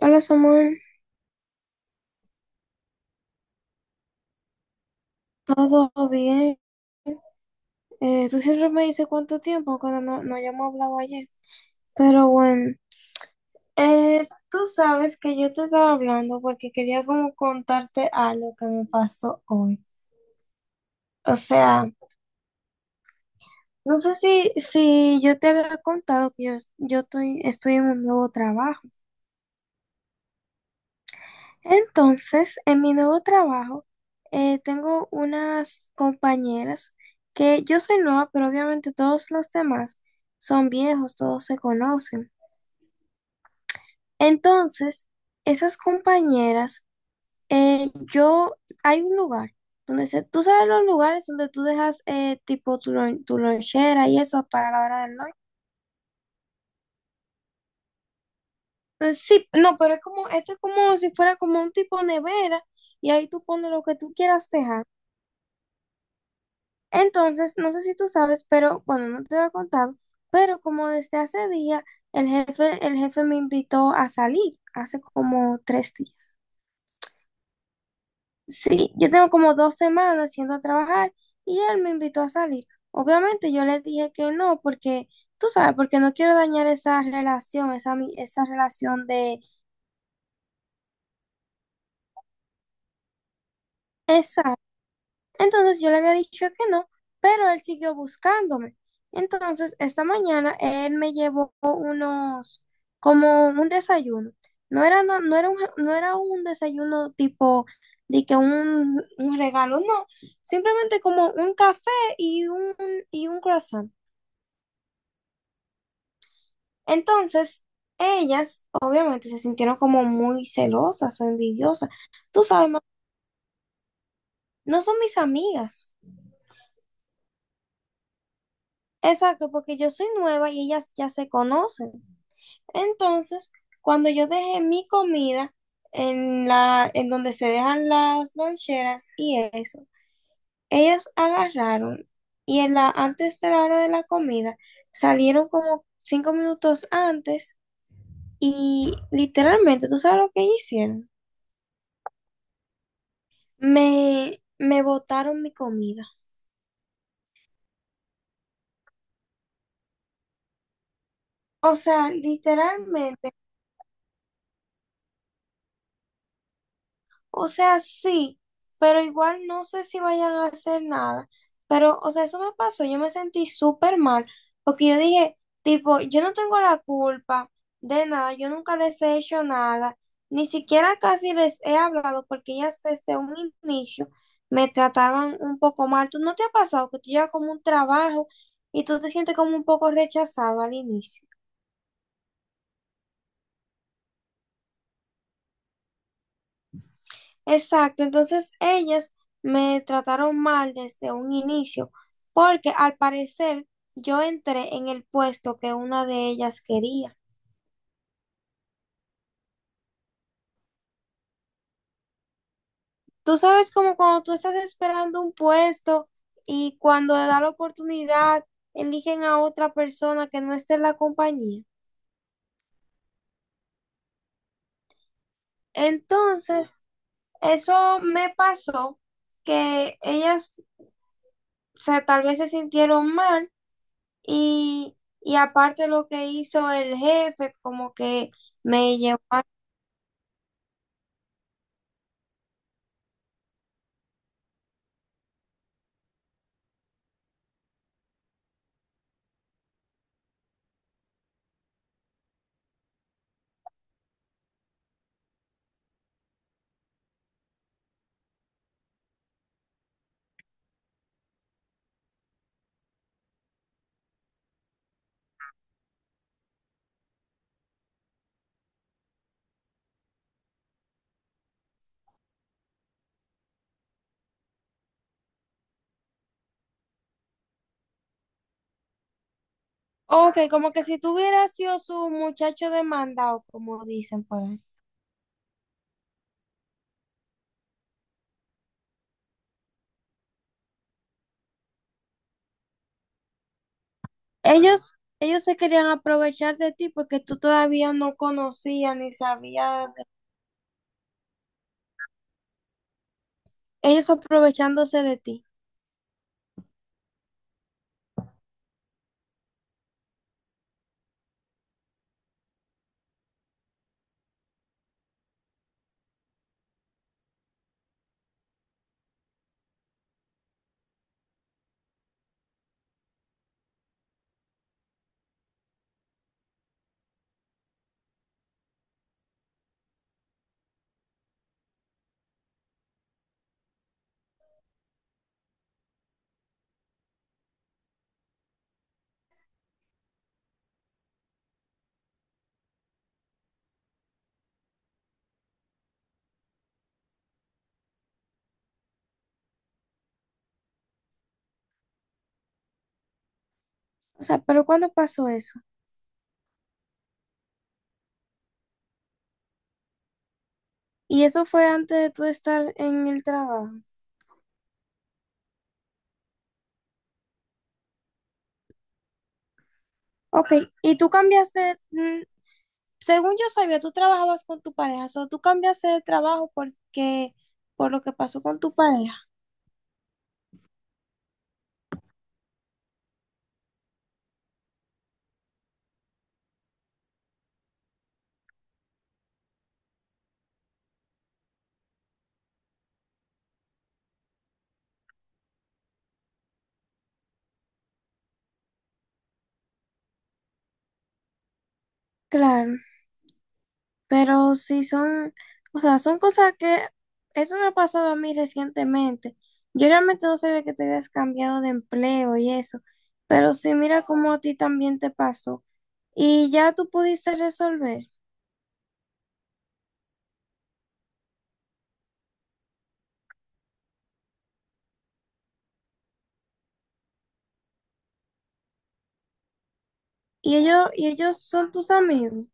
Hola, Samuel. Todo bien. Tú siempre me dices "cuánto tiempo" cuando no hayamos hablado ayer. Pero bueno, tú sabes que yo te estaba hablando porque quería como contarte algo que me pasó hoy. O sea, no sé si yo te había contado que yo estoy en un nuevo trabajo. Entonces, en mi nuevo trabajo, tengo unas compañeras, que yo soy nueva, pero obviamente todos los demás son viejos, todos se conocen. Entonces, esas compañeras, eh, yo, hay un lugar tú sabes, los lugares donde tú dejas, tipo tu lonchera y eso para la hora del lunch. Sí, no, pero es como, esto es como si fuera como un tipo nevera y ahí tú pones lo que tú quieras dejar. Entonces, no sé si tú sabes, pero bueno, no te había contado, pero como desde hace día, el jefe me invitó a salir, hace como 3 días. Sí, yo tengo como 2 semanas yendo a trabajar y él me invitó a salir. Obviamente yo le dije que no, porque tú sabes, porque no quiero dañar esa relación, esa relación de esa. Entonces yo le había dicho que no, pero él siguió buscándome. Entonces esta mañana él me llevó como un desayuno. No era un desayuno tipo de que un regalo, no. Simplemente como un café y y un croissant. Entonces ellas obviamente se sintieron como muy celosas o envidiosas. Tú sabes, ma, no son mis amigas. Exacto, porque yo soy nueva y ellas ya se conocen. Entonces, cuando yo dejé mi comida en donde se dejan las loncheras y eso, ellas agarraron y antes de la hora de la comida salieron como 5 minutos antes y, literalmente, ¿tú sabes lo que ellas hicieron? Me botaron mi comida. O sea, literalmente. O sea, sí, pero igual no sé si vayan a hacer nada. Pero, o sea, eso me pasó, yo me sentí súper mal, porque yo dije, tipo, yo no tengo la culpa de nada, yo nunca les he hecho nada, ni siquiera casi les he hablado, porque ellas desde un inicio me trataban un poco mal. ¿Tú no te ha pasado que tú llevas como un trabajo y tú te sientes como un poco rechazado al inicio? Exacto, entonces ellas me trataron mal desde un inicio, porque al parecer yo entré en el puesto que una de ellas quería. Tú sabes como cuando tú estás esperando un puesto y cuando le da la oportunidad, eligen a otra persona que no esté en la compañía. Entonces, eso me pasó, que ellas, o sea, tal vez se sintieron mal. Y, y aparte, lo que hizo el jefe, como que me llevó a... Ok, como que si tuviera sido su muchacho demandado, como dicen por ahí. Ellos, ellos se querían aprovechar de ti porque tú todavía no conocías ni sabías. Ellos aprovechándose de ti. O sea, pero ¿cuándo pasó eso? Y eso fue antes de tú estar en el trabajo. Ok, y tú cambiaste, según yo sabía, tú trabajabas con tu pareja, o tú cambiaste de trabajo porque, por lo que pasó con tu pareja. Claro, pero sí son, o sea, son cosas que, eso me ha pasado a mí recientemente. Yo realmente no sabía que te habías cambiado de empleo y eso, pero sí, mira cómo a ti también te pasó. Y ya tú pudiste resolver. Y ellos son tus amigos,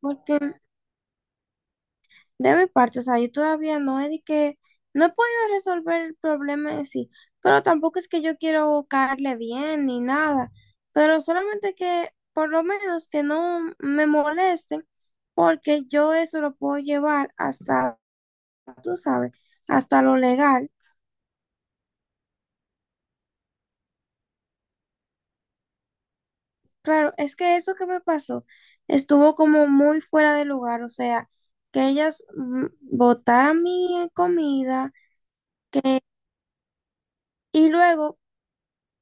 porque de mi parte, o sea, yo todavía no he no he podido resolver el problema en sí, pero tampoco es que yo quiero caerle bien ni nada, pero solamente que por lo menos que no me molesten, porque yo eso lo puedo llevar hasta, tú sabes, hasta lo legal. Claro, es que eso que me pasó estuvo como muy fuera de lugar, o sea, que ellas botaran mi comida. Y luego,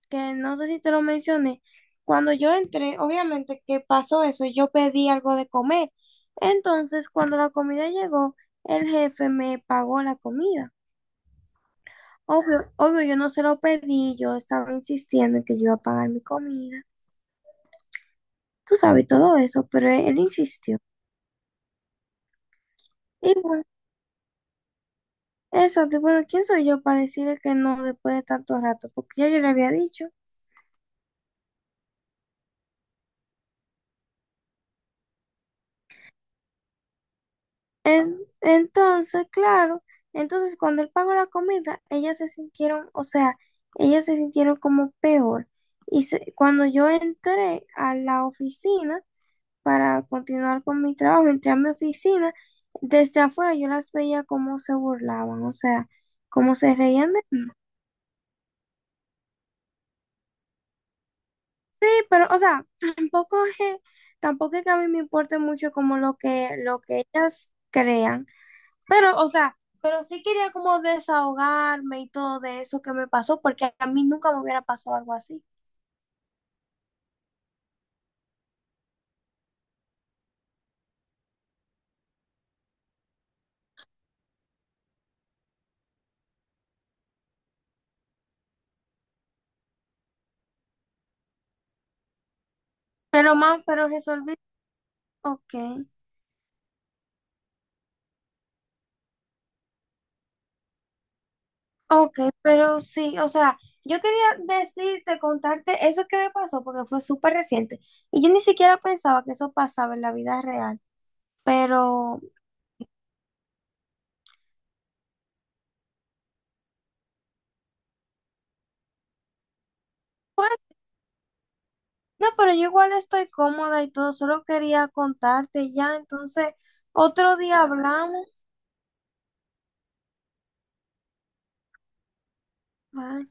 que no sé si te lo mencioné, cuando yo entré, obviamente que pasó eso, yo pedí algo de comer. Entonces, cuando la comida llegó, el jefe me pagó la comida. Obvio, obvio, yo no se lo pedí, yo estaba insistiendo en que yo iba a pagar mi comida. Tú sabes todo eso, pero él insistió. Y bueno, eso, bueno, ¿quién soy yo para decirle que no después de tanto rato? Porque ya yo le había dicho. Entonces, claro, entonces cuando él pagó la comida, ellas se sintieron, o sea, ellas se sintieron como peor. Y cuando yo entré a la oficina para continuar con mi trabajo, entré a mi oficina, desde afuera yo las veía cómo se burlaban, o sea, cómo se reían de mí, pero, o sea, tampoco es, tampoco es que a mí me importe mucho como lo que ellas crean. Pero, o sea, pero sí quería como desahogarme y todo de eso que me pasó, porque a mí nunca me hubiera pasado algo así. Pero más, pero resolví. Ok. Ok, pero sí, o sea, yo quería contarte eso que me pasó, porque fue súper reciente. Y yo ni siquiera pensaba que eso pasaba en la vida real. Pero, pues, no, pero yo igual estoy cómoda y todo, solo quería contarte ya, entonces, otro día hablamos. Bye.